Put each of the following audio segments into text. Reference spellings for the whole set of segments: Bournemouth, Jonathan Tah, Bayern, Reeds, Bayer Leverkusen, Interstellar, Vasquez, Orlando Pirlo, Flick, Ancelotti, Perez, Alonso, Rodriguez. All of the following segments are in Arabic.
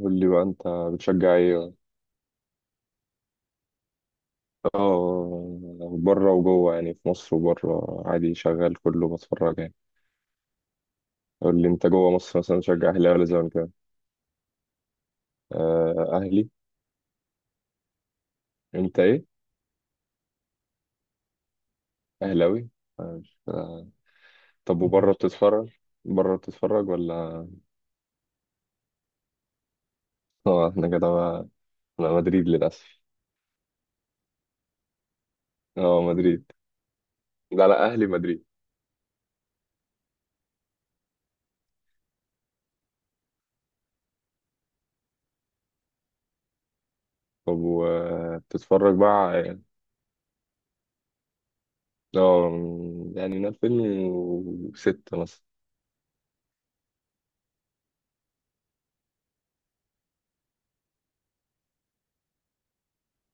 قول لي بقى انت بتشجع ايه؟ اه، بره وجوه يعني، في مصر وبره عادي شغال، كله بتفرج يعني. قول لي انت جوه مصر مثلا بتشجع اهلي ولا زمالك؟ آه اهلي. انت ايه؟ اهلاوي. آه مش- آه. طب وبره بتتفرج بره بتتفرج ولا؟ اه احنا كده بقى، انا مدريد للاسف. اه مدريد. لا لا اهلي مدريد. طب وبتتفرج بقى؟ اه، يعني من 2006 مثلا.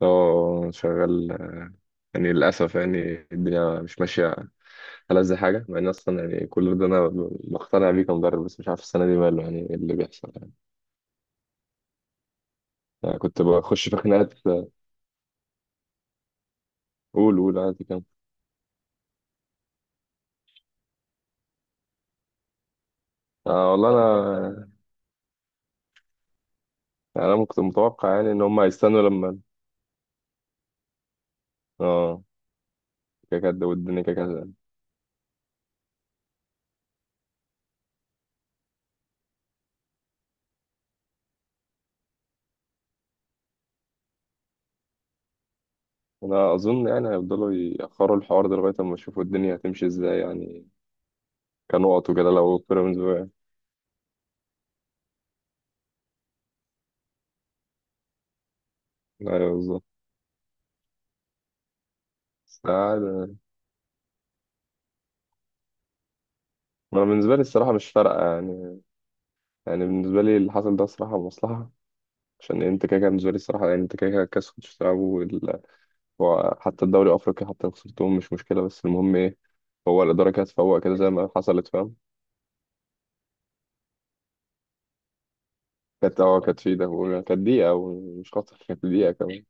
اه شغال، يعني للأسف يعني الدنيا مش ماشية. ألذ حاجة، مع إن أصلا يعني كل ده أنا مقتنع بيه كمدرب، بس مش عارف السنة دي ماله، يعني إيه اللي بيحصل يعني. أنا كنت بخش في خناقات. قول عادي كام. آه والله أنا يعني، أنا كنت متوقع يعني إن هم هيستنوا لما، آه كده، والدنيا كده. أنا أظن يعني هيفضلوا يأخروا الحوار ده لغاية أما يشوفوا الدنيا هتمشي إزاي يعني، كنقط وكده لو بيراميدز وقع. أيوه بالظبط. بس عادي. أنا بالنسبة لي الصراحة مش فارقة يعني، يعني بالنسبة لي اللي حصل ده الصراحة مصلحة، عشان انت كده كده بالنسبه لي الصراحه، يعني انت كده كده الكاس كنتش تلعبه هو حتى الدوري الافريقي، حتى لو خسرتهم مش مشكله، بس المهم ايه؟ هو الاداره كانت تفوق كده زي ما حصلت، فاهم. كانت اه، كانت في ده، وكانت دقيقه ومش خاطر كانت دقيقه كمان.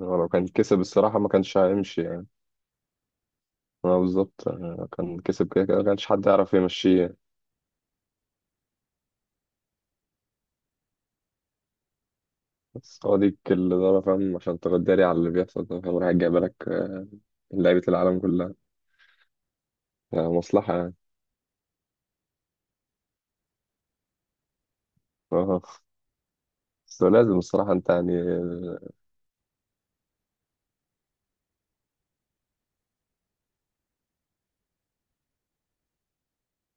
هو لو كان كسب الصراحه ما كانش هيمشي يعني. اه بالظبط، اه كان كسب كده كده ما كانش حد يعرف يمشيه يعني. بس هو دي الاداره، فاهم، عشان تغداري على اللي بيحصل ده، فاهم، رايح جايبه لك لعيبه العالم كلها. يعني مصلحه يعني. اه. بس هو لازم الصراحه انت يعني.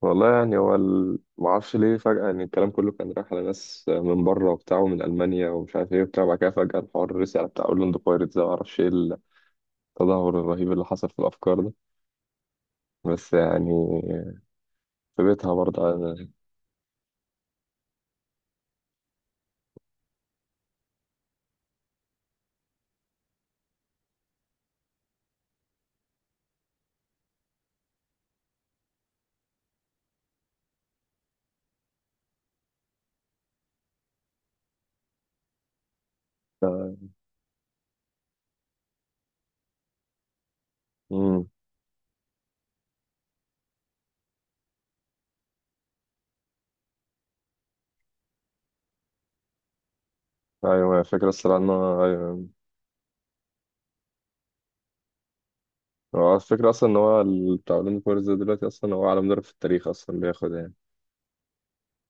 والله يعني هو معرفش ليه فجأة يعني، الكلام كله كان رايح على ناس من بره وبتاع، ومن ألمانيا، ومش عارف ايه وبتاع. بعد كده فجأة الحوار رسي على بتاع أورلاندو بايرتس ده، معرفش ايه التدهور الرهيب اللي حصل في الأفكار ده. بس يعني في بيتها برضه أنا. امم، أيوه الفكرة الصراحة إن هو، أيوه هو الفكرة أصلا إن هو بتاع أورلاندو بايرتس ده دلوقتي أصلا هو أعلى مدرب في التاريخ أصلا بياخد يعني.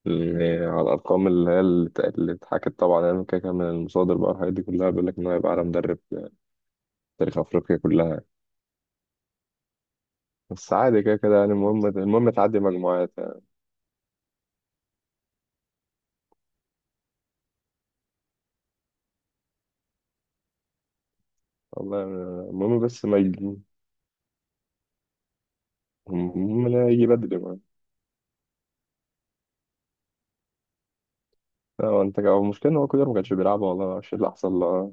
يعني على الأرقام اللي هي اللي ات- اللي اتحكت طبعا يعني كده كده من المصادر بقى، الحاجات دي كلها بيقول لك إن هو هيبقى أعلى مدرب في تاريخ أفريقيا كلها. بس عادي كده كده يعني المهم، المهم تعدي مجموعات يعني. والله المهم بس ما يجي، المهم لا يجي بدري ما. هو انت، هو المشكلة ان هو كولر ما كانش بيلعب والله، ما اعرفش إيه اللي حصل له.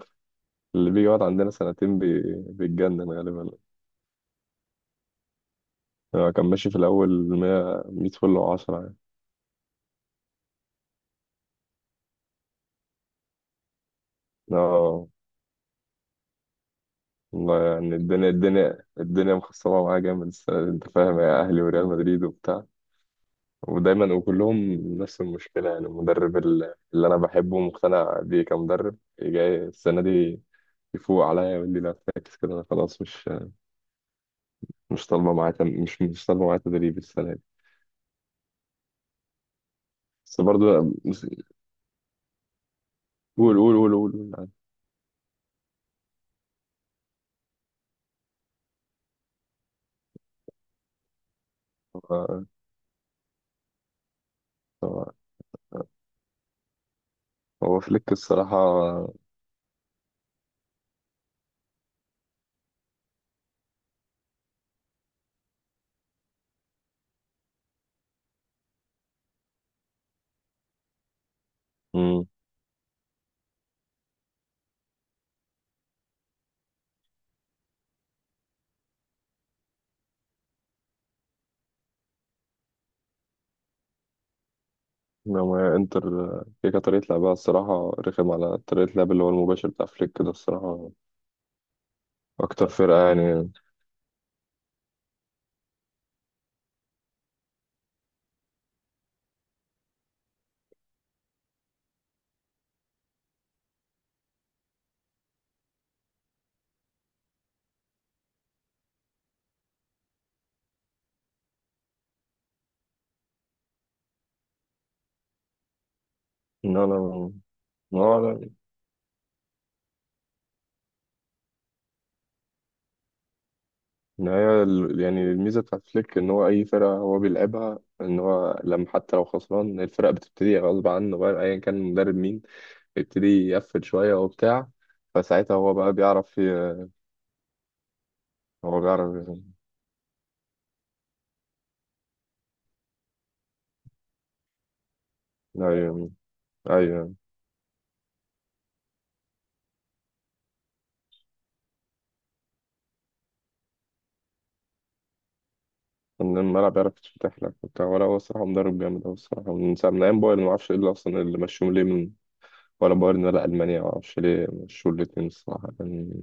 اللي بيجي يقعد عندنا سنتين بيتجنن غالبا. هو كان ماشي في الاول 100 100 فل و10 يعني. اه والله يعني، الدنيا مخصبة معاه جامد السنة دي انت فاهم، يا اهلي وريال مدريد وبتاع، ودايما وكلهم نفس المشكلة. يعني المدرب اللي انا بحبه ومقتنع بيه كمدرب، جاي السنة دي يفوق عليا ويقول لي لا فاكس كده، انا خلاص مش طالبه معايا تم- مش مش طالبه معايا تدريب السنه دي. بس برضه قول. يعني هو هو هو فليك الصراحه. امم، لما انتر، هي كانت طريقه لعبها الصراحه رخم، على طريقه لعب اللي هو المباشر بتاع فليك ده الصراحه، اكتر فرقه يعني. لا لا هو لا إن هي يعني الميزه بتاعت فليك ان هو اي فرقه هو بيلعبها، ان هو لما حتى لو خسران الفرقه بتبتدي غصب عنه بقى ايا كان المدرب مين، يبتدي يقفل شوية وبتاع. فساعتها هو بقى هو أيوة أيوة. من الملعب بيعرف يتفتح لك وبتاع. ولا هو الصراحة مدرب جامد أوي الصراحة، من ساعة من أيام بايرن، معرفش إيه اللي أصلا اللي مشوهم ليه من ولا بايرن ولا ألمانيا، معرفش ليه مشوا الاتنين، الصراحة كان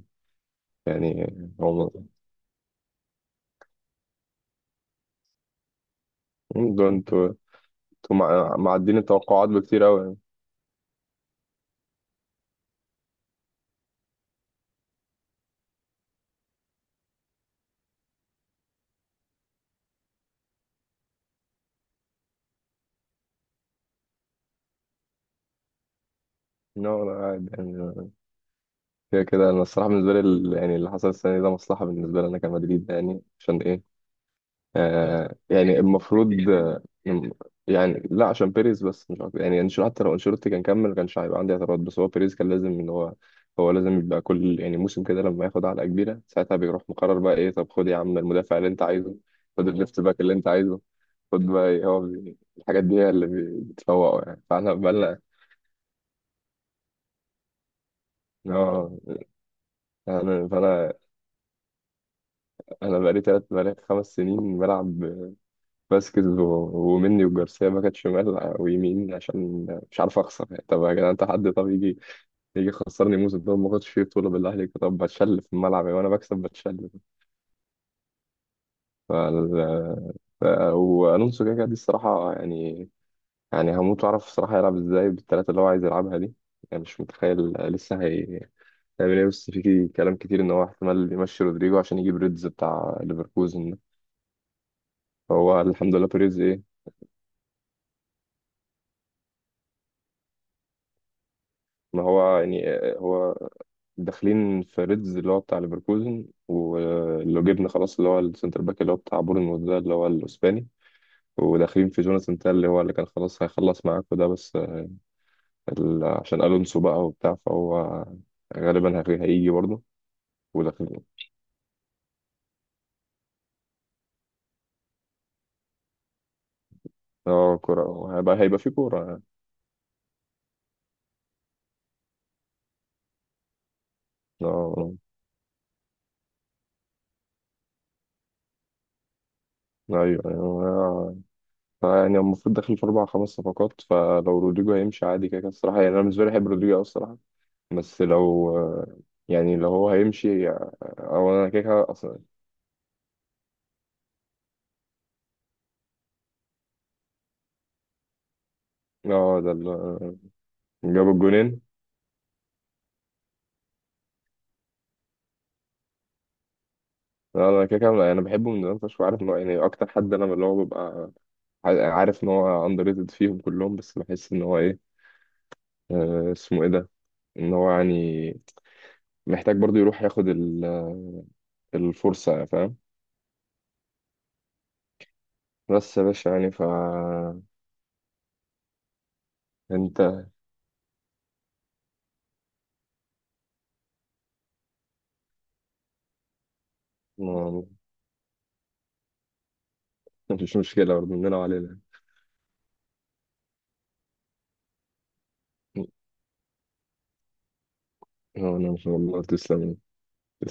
يعني. هو ده انتوا، انتوا معدين التوقعات بكتير أوي يعني. لا لا عادي يعني، كده كده أنا الصراحة بالنسبة لي يعني اللي حصل السنة دي ده مصلحة بالنسبة لي أنا كمدريد يعني. عشان إيه؟ آه يعني المفروض آه، يعني لا عشان بيريز، بس مش عارف يعني انشيلوتي، حتى لو انشيلوتي كان كمل ما كانش هيبقى عندي اعتراض، بس هو بيريز كان لازم ان هو، هو لازم يبقى كل يعني موسم كده لما ياخد علقه كبيره ساعتها بيروح مقرر بقى ايه، طب خد يا عم المدافع اللي انت عايزه، خد الليفت باك اللي انت عايزه، خد بقى إيه، هو الحاجات دي هي اللي بتفوقه يعني، فاحنا بقالنا اه. انا انا بقالي تلات بقالي 5 سنين بلعب فاسكيز ومني وجارسيا باكت شمال ويمين، عشان مش عارف اخسر يعني. طب يا جدعان انت حد، طب يجي يخسرني موسم ده، ما خدتش فيه بطوله بالله عليك، طب بتشل في الملعب يعني، وانا بكسب بتشل فال... ف... والونسو كده كده دي الصراحه يعني، يعني هموت واعرف الصراحه يلعب ازاي بالثلاثه اللي هو عايز يلعبها دي، يعني مش متخيل لسه هي هيعمل ايه. بس في كلام كتير ان هو احتمال يمشي رودريجو عشان يجيب ريدز بتاع ليفركوزن ده. هو الحمد لله بيريز ايه. ما هو يعني، هو داخلين في ريدز اللي هو بتاع ليفركوزن، ولو جبنا خلاص اللي هو السنتر باك اللي هو بتاع بورنموث ده اللي هو الاسباني، وداخلين في جوناثان تال اللي هو اللي كان خلاص هيخلص معاكوا ده، بس عشان الونسو بقى وبتاع فهو غالبا هيجي برضه وداخلين. اه كورة، هيبقى في كورة يعني. اه ايوه. يعني المفروض داخل في 4 5 صفقات، فلو رودريجو هيمشي عادي كده كده الصراحة. يعني انا بالنسبة لي بحب رودريجو أوي الصراحة، بس لو يعني لو هو هيمشي، او انا كده كده اصلا اه. ده اللي جاب الجونين. لا، انا كده كده انا بحبه من زمان فشخ، وعارف ان هو يعني اكتر حد انا اللي هو ببقى عارف ان هو اندر ريتد فيهم كلهم، بس بحس ان هو ايه، آه، اسمه ايه ده، ان هو يعني محتاج برضو يروح ياخد الفرصة يعني فاهم. بس يا باشا يعني ف، انت ما- مفيش مشكلة برضه مننا وعلينا. انا ان شاء الله تسلم.